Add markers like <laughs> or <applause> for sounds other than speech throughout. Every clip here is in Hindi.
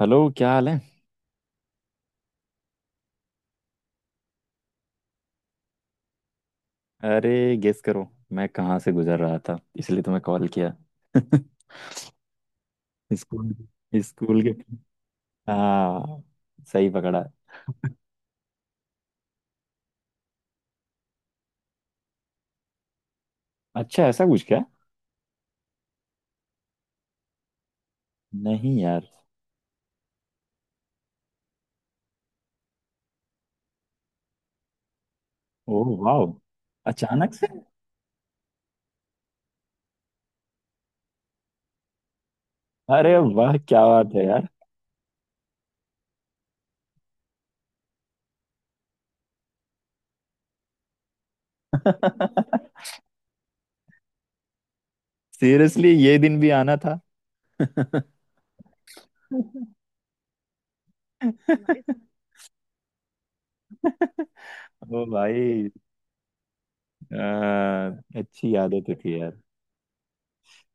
हेलो, क्या हाल है। अरे गेस करो मैं कहाँ से गुजर रहा था इसलिए तुम्हें कॉल किया। <laughs> स्कूल, स्कूल के। हाँ, सही पकड़ा। अच्छा, ऐसा कुछ क्या। नहीं यार। ओह वाह, अचानक से। अरे वाह, क्या बात है यार। <laughs> सीरियसली ये दिन भी आना था। <laughs> ओ भाई। आ, अच्छी आदत थी यार।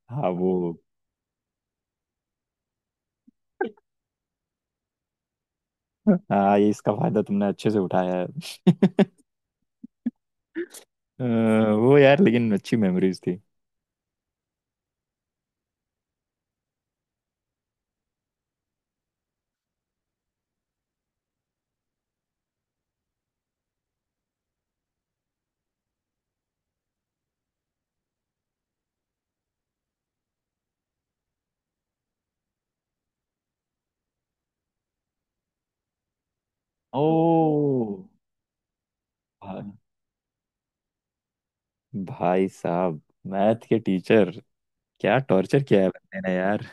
हाँ वो। हाँ, ये इसका फायदा तुमने अच्छे से उठाया है। वो यार, लेकिन अच्छी मेमोरीज थी। ओ भाई, भाई साहब, मैथ के टीचर, क्या टॉर्चर किया है बंदे ने यार।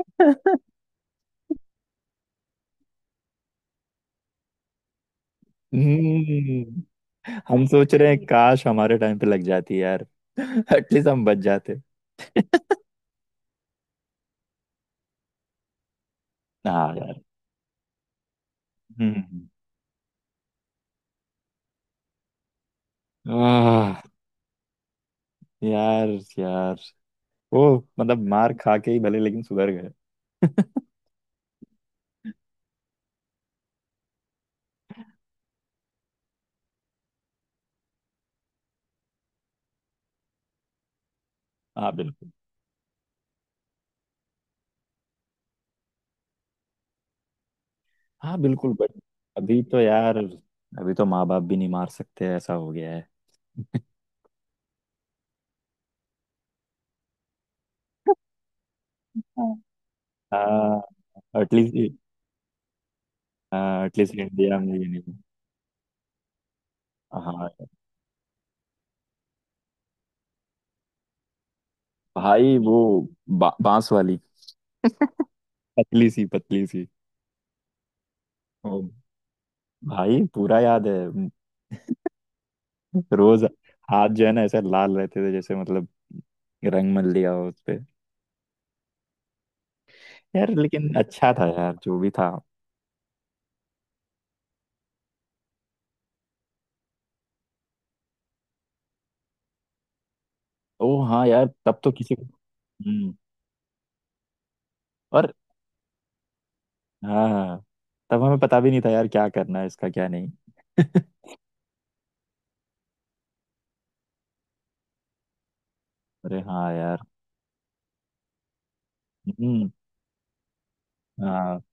<laughs> हम्म, हम सोच रहे हैं काश हमारे टाइम पे लग जाती यार। <laughs> एटलीस्ट हम बच जाते। हाँ यार। हम्म। आह, यार यार, वो, मतलब मार खा के ही भले, लेकिन सुधर गए। <laughs> हाँ बिल्कुल। हाँ बिल्कुल बट अभी तो यार, अभी तो माँ बाप भी नहीं मार सकते, ऐसा हो गया है। हाँ। एटलीस्ट, एटलीस्ट इंडिया में ये नहीं। हाँ भाई, वो बांस वाली, पतली सी पतली सी। ओ भाई पूरा याद है। रोज हाथ जो है ना ऐसे लाल रहते थे, जैसे मतलब रंग मल लिया हो उस पे। यार लेकिन अच्छा था यार, जो भी था। ओ हाँ यार, तब तो किसी को, हम्म और हाँ हाँ, तब हमें पता भी नहीं था यार क्या करना है इसका क्या नहीं। <laughs> अरे हाँ यार। हम्म। हाँ,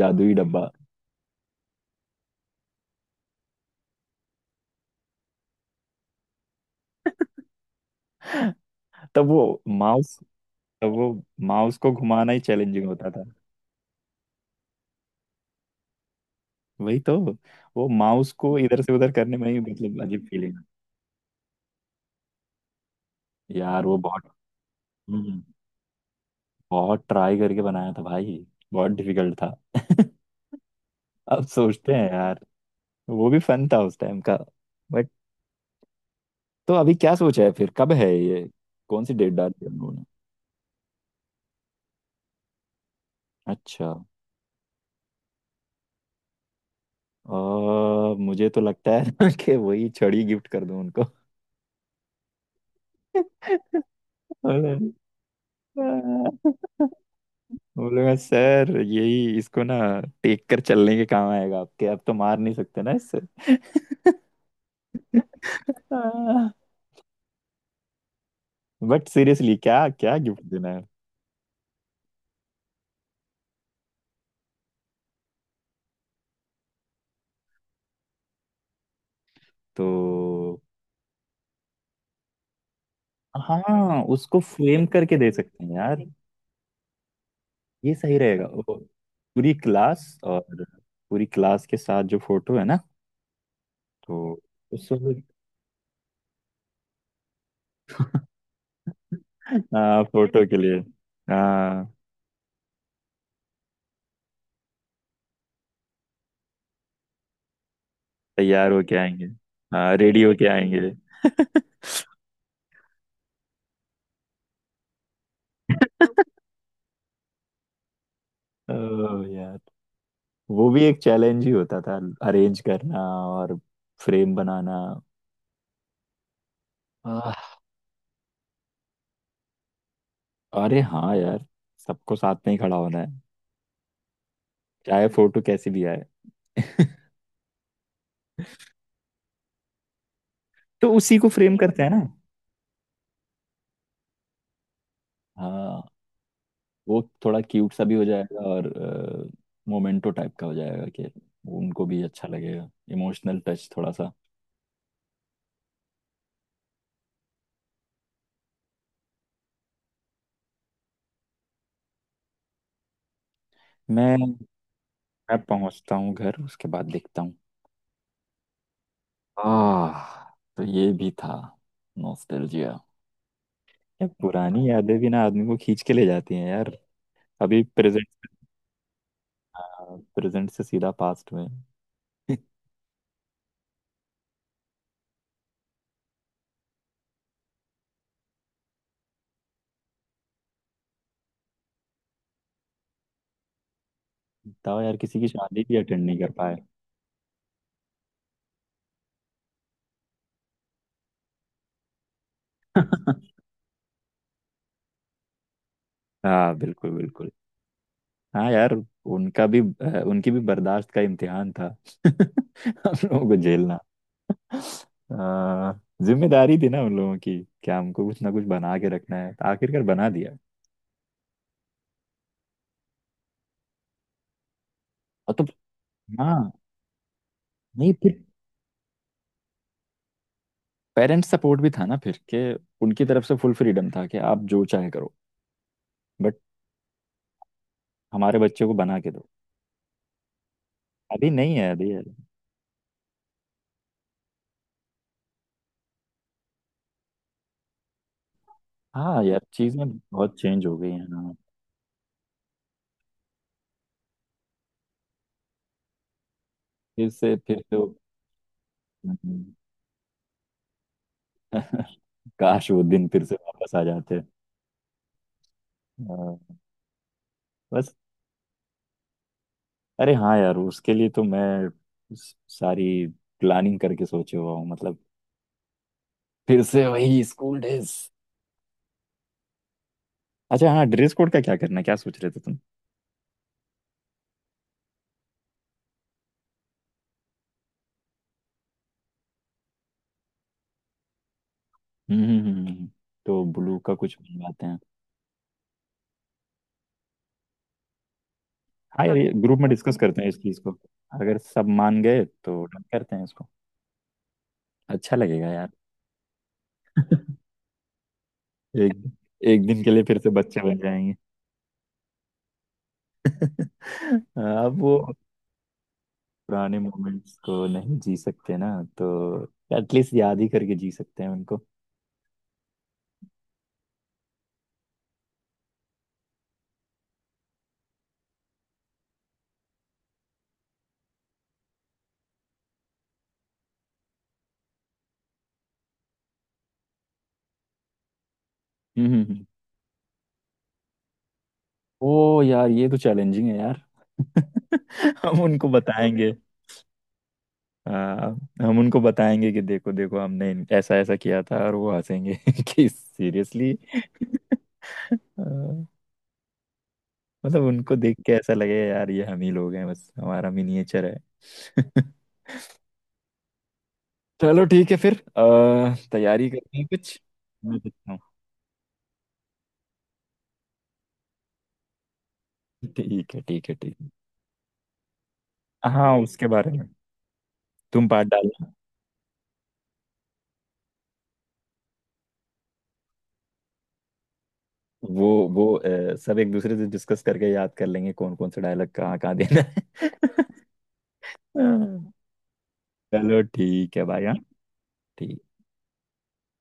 जादुई डब्बा। तब वो माउस तो वो माउस को घुमाना ही चैलेंजिंग होता था। वही तो, वो माउस को इधर से उधर करने में ही, मतलब अजीब फीलिंग। यार वो बहुत हम्म, बहुत ट्राई करके बनाया था भाई। बहुत डिफिकल्ट था। <laughs> अब सोचते हैं यार, वो भी फन था उस टाइम का, बट। तो अभी क्या सोचा है, फिर कब है ये, कौन सी डेट डाली है उन्होंने। अच्छा, मुझे तो लगता है <laughs> कि वही छड़ी गिफ्ट कर दूं उनको। <laughs> बोलेगा सर यही इसको ना, टेक कर चलने के काम आएगा आपके, आप तो मार नहीं सकते ना इससे। बट सीरियसली क्या क्या गिफ्ट देना है। तो हाँ, उसको फ्रेम करके दे सकते हैं यार। ये सही रहेगा। ओ, पूरी क्लास और, पूरी क्लास के साथ जो फोटो है ना, तो उसको। हाँ, फोटो के लिए। हाँ, तैयार होके आएंगे, हाँ रेडी होके आएंगे। <laughs> ओह यार, वो भी एक चैलेंज ही होता था, अरेंज करना और फ्रेम बनाना। आह, अरे हाँ यार, सबको साथ में ही खड़ा होना है, चाहे फोटो कैसी भी आए। <laughs> तो उसी को फ्रेम करते हैं ना। हाँ, वो थोड़ा क्यूट सा भी हो जाएगा और मोमेंटो टाइप का हो जाएगा, कि उनको भी अच्छा लगेगा, इमोशनल टच थोड़ा सा। मैं मैं पहुंचता हूँ घर, उसके बाद देखता हूँ। आह, तो ये भी था, नॉस्टैल्जिया। ये पुरानी यादें भी ना आदमी को खींच के ले जाती हैं यार। अभी प्रेजेंट, प्रेजेंट से सीधा पास्ट में। <laughs> बताओ यार, किसी की शादी भी अटेंड नहीं कर पाए। <laughs> हाँ बिल्कुल बिल्कुल। हाँ यार, उनका भी उनकी भी बर्दाश्त का इम्तिहान था। <laughs> हम लोगों को झेलना अ, जिम्मेदारी थी ना उन लोगों की, क्या हमको कुछ ना कुछ बना के रखना है, तो आखिरकार बना दिया। और तो, हाँ, नहीं फिर, पेरेंट्स सपोर्ट भी था ना फिर, कि उनकी तरफ से फुल फ्रीडम था कि आप जो चाहे करो, बट हमारे बच्चे को बना के दो। अभी नहीं है अभी है। हाँ यार, चीजें बहुत चेंज हो गई हैं। हाँ। फिर से फिर से वो- हम्म, <laughs> काश वो दिन फिर से वापस आ जाते। हाँ, बस। अरे हाँ यार, उसके लिए तो मैं सारी प्लानिंग करके सोचे हुआ हूँ, मतलब फिर से वही स्कूल डेज। अच्छा हाँ, ड्रेस कोड का क्या करना है, क्या सोच रहे थे तुम। हम्म। तो ब्लू का कुछ बनवाते हैं। हाँ यार, ये ग्रुप में डिस्कस करते हैं इस चीज को, अगर सब मान गए तो डन करते हैं इसको। अच्छा लगेगा यार। एक एक दिन के लिए फिर से बच्चे बन जाएंगे। <laughs> हाँ, अब वो पुराने मोमेंट्स को नहीं जी सकते ना, तो एटलीस्ट याद ही करके जी सकते हैं उनको। हम्म हम्म, हम्म। ओ यार, ये तो चैलेंजिंग है यार। <laughs> हम उनको बताएंगे। आ, हम उनको बताएंगे कि देखो देखो, हमने ऐसा ऐसा किया था, और वो हंसेंगे <laughs> कि सीरियसली, मतलब उनको देख के ऐसा लगे यार ये हम ही लोग हैं, बस हमारा मिनिएचर है। <laughs> चलो ठीक है, फिर तैयारी करते हैं कुछ। मैं देखता हूँ। ठीक है ठीक है ठीक है। हाँ, उसके बारे में तुम पार्ट डालना। वो सब एक दूसरे से डिस्कस करके याद कर लेंगे कौन कौन से डायलॉग कहाँ कहाँ देना है। <laughs> हाँ। चलो ठीक है भाई, हाँ, ठीक